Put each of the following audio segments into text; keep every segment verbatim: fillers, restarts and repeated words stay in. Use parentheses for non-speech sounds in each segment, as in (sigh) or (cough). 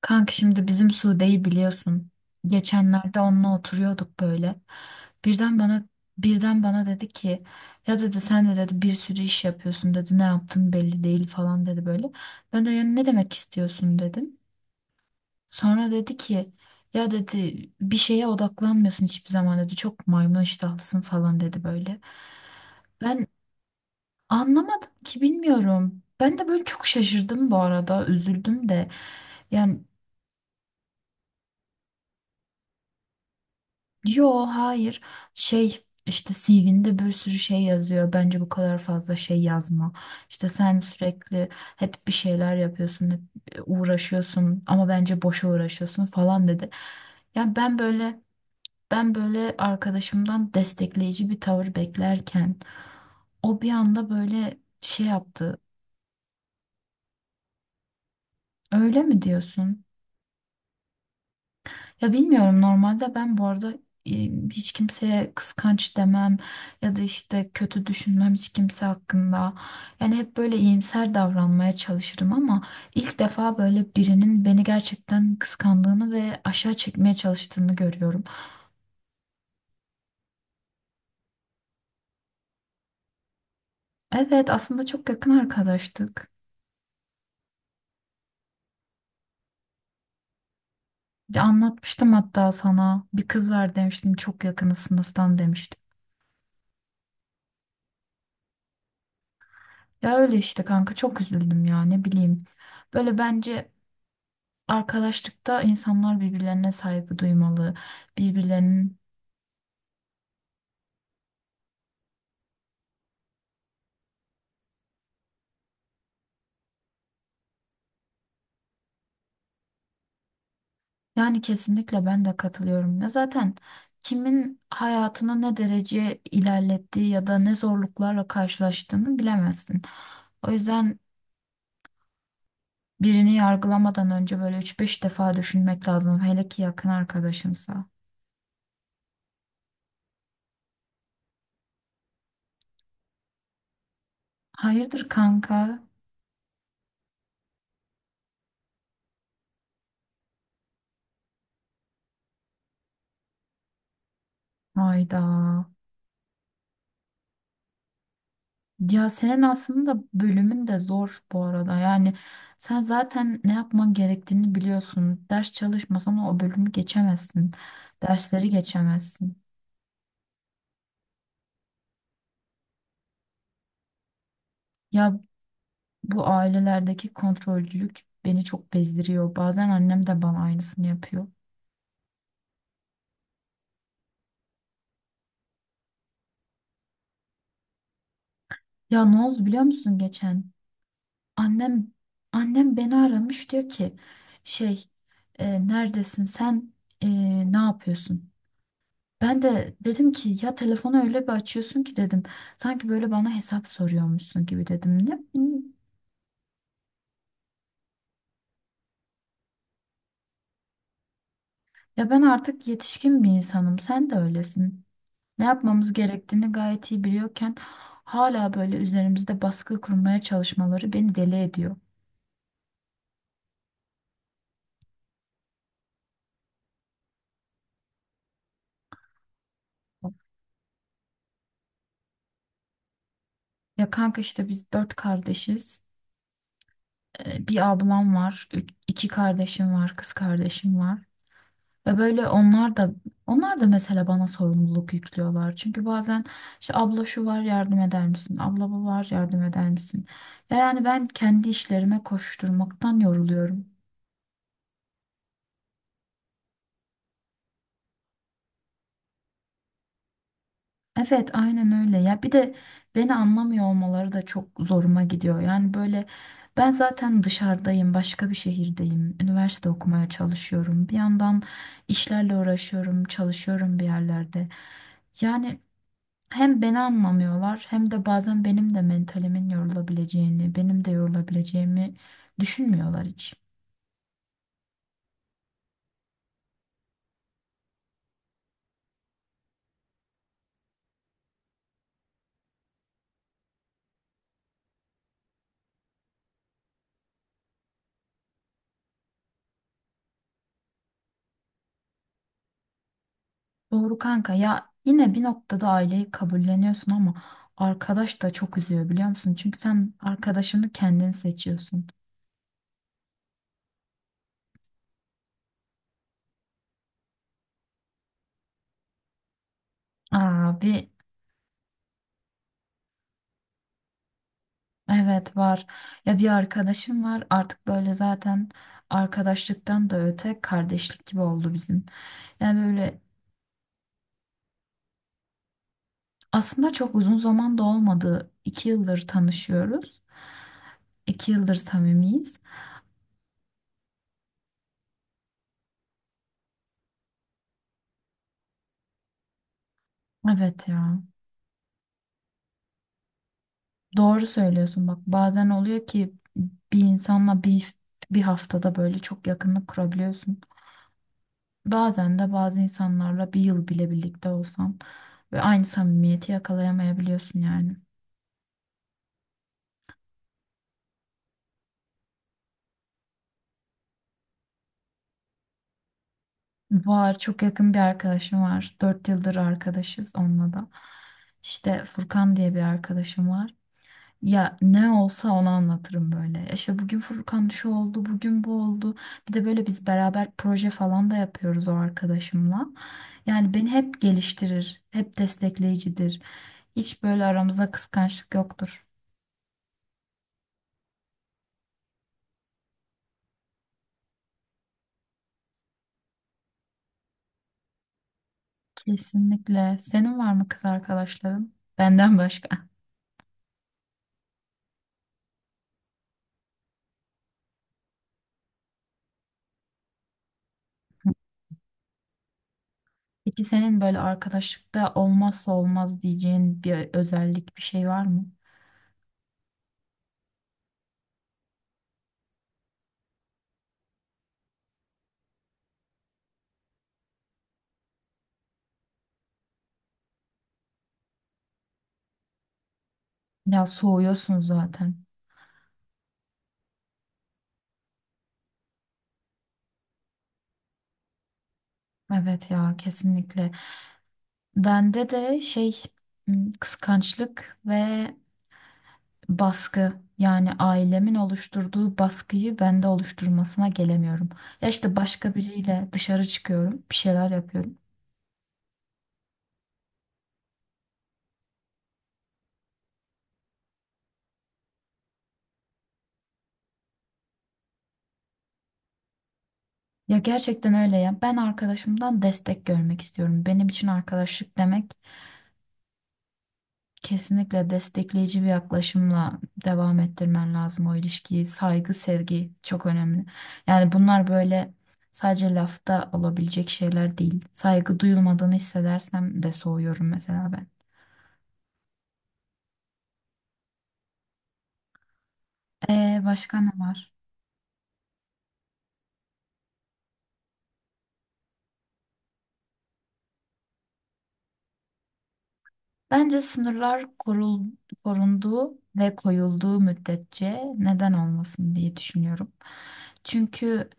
Kanka, şimdi bizim Sude'yi biliyorsun. Geçenlerde onunla oturuyorduk böyle. Birden bana birden bana dedi ki, ya dedi sen de dedi bir sürü iş yapıyorsun dedi, ne yaptın belli değil falan dedi böyle. Ben de yani ne demek istiyorsun dedim. Sonra dedi ki, ya dedi bir şeye odaklanmıyorsun hiçbir zaman dedi, çok maymun iştahlısın falan dedi böyle. Ben anlamadım ki, bilmiyorum. Ben de böyle çok şaşırdım, bu arada üzüldüm de. Yani. Yo hayır, şey işte C V'nde bir sürü şey yazıyor, bence bu kadar fazla şey yazma, işte sen sürekli hep bir şeyler yapıyorsun, hep e, uğraşıyorsun ama bence boşa uğraşıyorsun falan dedi. Ya ben böyle ben böyle arkadaşımdan destekleyici bir tavır beklerken o bir anda böyle şey yaptı. Öyle mi diyorsun? Ya bilmiyorum, normalde ben bu arada e, hiç kimseye kıskanç demem ya da işte kötü düşünmem hiç kimse hakkında. Yani hep böyle iyimser davranmaya çalışırım ama ilk defa böyle birinin beni gerçekten kıskandığını ve aşağı çekmeye çalıştığını görüyorum. Evet, aslında çok yakın arkadaştık. Ya anlatmıştım hatta sana, bir kız var demiştim, çok yakını sınıftan demiştim. Ya öyle işte kanka, çok üzüldüm ya, ne bileyim. Böyle bence, arkadaşlıkta insanlar birbirlerine saygı duymalı, birbirlerinin, yani, kesinlikle ben de katılıyorum. Ya zaten kimin hayatını ne derece ilerlettiği ya da ne zorluklarla karşılaştığını bilemezsin. O yüzden birini yargılamadan önce böyle üç beş defa düşünmek lazım. Hele ki yakın arkadaşımsa. Hayırdır kanka? Hayda. Ya senin aslında bölümün de zor bu arada. Yani sen zaten ne yapman gerektiğini biliyorsun. Ders çalışmasan o bölümü geçemezsin. Dersleri geçemezsin. Ya bu ailelerdeki kontrolcülük beni çok bezdiriyor. Bazen annem de bana aynısını yapıyor. Ya ne oldu biliyor musun geçen? Annem annem beni aramış, diyor ki, şey, e, neredesin sen? E, ne yapıyorsun? Ben de dedim ki, ya telefonu öyle bir açıyorsun ki dedim. Sanki böyle bana hesap soruyormuşsun gibi dedim. Ne bileyim. Ya ben artık yetişkin bir insanım. Sen de öylesin. Ne yapmamız gerektiğini gayet iyi biliyorken hala böyle üzerimizde baskı kurmaya çalışmaları beni deli ediyor. Ya kanka, işte biz dört kardeşiz. Ee, Bir ablam var, üç- iki kardeşim var, kız kardeşim var. Ve böyle onlar da onlar da mesela bana sorumluluk yüklüyorlar. Çünkü bazen işte, abla şu var yardım eder misin? Abla bu var yardım eder misin? Ya yani ben kendi işlerime koşturmaktan yoruluyorum. Evet, aynen öyle. Ya bir de beni anlamıyor olmaları da çok zoruma gidiyor. Yani böyle, ben zaten dışarıdayım, başka bir şehirdeyim. Üniversite okumaya çalışıyorum. Bir yandan işlerle uğraşıyorum, çalışıyorum bir yerlerde. Yani hem beni anlamıyorlar hem de bazen benim de mentalimin yorulabileceğini, benim de yorulabileceğimi düşünmüyorlar hiç. Doğru kanka ya, yine bir noktada aileyi kabulleniyorsun ama arkadaş da çok üzüyor, biliyor musun? Çünkü sen arkadaşını kendin seçiyorsun. Abi, evet var. Ya bir arkadaşım var artık, böyle zaten arkadaşlıktan da öte kardeşlik gibi oldu bizim. Yani böyle. Aslında çok uzun zaman da olmadı. İki yıldır tanışıyoruz. İki yıldır samimiyiz. Evet ya. Doğru söylüyorsun bak. Bazen oluyor ki bir insanla bir, bir haftada böyle çok yakınlık kurabiliyorsun. Bazen de bazı insanlarla bir yıl bile birlikte olsan ve aynı samimiyeti yakalayamayabiliyorsun yani. Var, çok yakın bir arkadaşım var. Dört yıldır arkadaşız onunla da. İşte Furkan diye bir arkadaşım var. Ya ne olsa onu anlatırım böyle. Ya İşte bugün Furkan şu oldu, bugün bu oldu. Bir de böyle biz beraber proje falan da yapıyoruz o arkadaşımla. Yani beni hep geliştirir, hep destekleyicidir. Hiç böyle aramızda kıskançlık yoktur. Kesinlikle. Senin var mı kız arkadaşların? Benden başka. (laughs) Peki senin böyle arkadaşlıkta olmazsa olmaz diyeceğin bir özellik, bir şey var mı? Ya soğuyorsun zaten. Evet ya, kesinlikle. Bende de şey, m, kıskançlık ve baskı, yani ailemin oluşturduğu baskıyı bende oluşturmasına gelemiyorum. Ya işte başka biriyle dışarı çıkıyorum, bir şeyler yapıyorum. Ya gerçekten öyle ya. Ben arkadaşımdan destek görmek istiyorum. Benim için arkadaşlık demek, kesinlikle destekleyici bir yaklaşımla devam ettirmen lazım o ilişkiyi. Saygı, sevgi çok önemli. Yani bunlar böyle sadece lafta olabilecek şeyler değil. Saygı duyulmadığını hissedersem de soğuyorum mesela ben. Ee, başka ne var? Bence sınırlar korul, korunduğu ve koyulduğu müddetçe neden olmasın diye düşünüyorum. Çünkü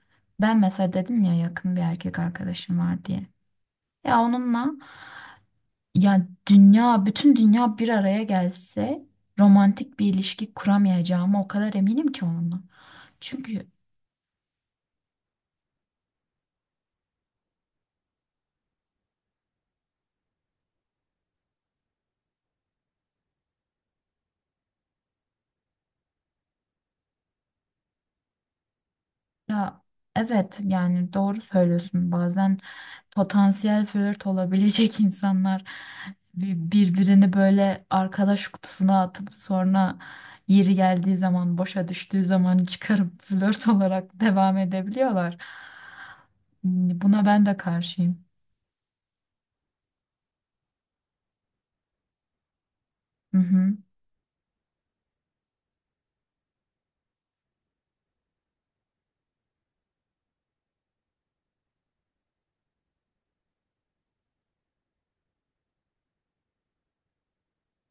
ben mesela dedim ya yakın bir erkek arkadaşım var diye. Ya onunla, ya dünya, bütün dünya bir araya gelse romantik bir ilişki kuramayacağıma o kadar eminim ki onunla. Çünkü ya evet, yani doğru söylüyorsun, bazen potansiyel flört olabilecek (laughs) insanlar bir- birbirini böyle arkadaş kutusuna atıp sonra yeri geldiği zaman, boşa düştüğü zaman çıkarıp flört (laughs) olarak devam edebiliyorlar. Buna ben de karşıyım. Hı hı.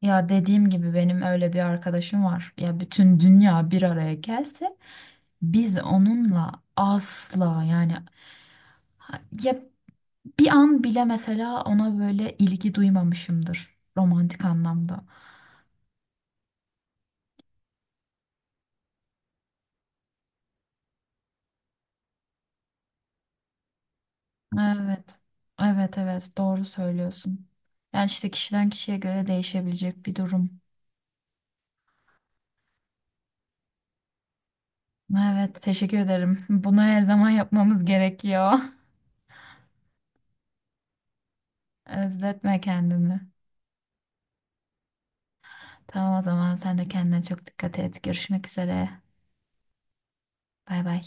Ya dediğim gibi benim öyle bir arkadaşım var. Ya bütün dünya bir araya gelse biz onunla asla, yani, ya bir an bile mesela ona böyle ilgi duymamışımdır romantik anlamda. Evet. Evet, evet, doğru söylüyorsun. Yani işte kişiden kişiye göre değişebilecek bir durum. Evet, teşekkür ederim. Bunu her zaman yapmamız gerekiyor. (laughs) Özletme kendini. Tamam, o zaman sen de kendine çok dikkat et. Görüşmek üzere. Bay bay.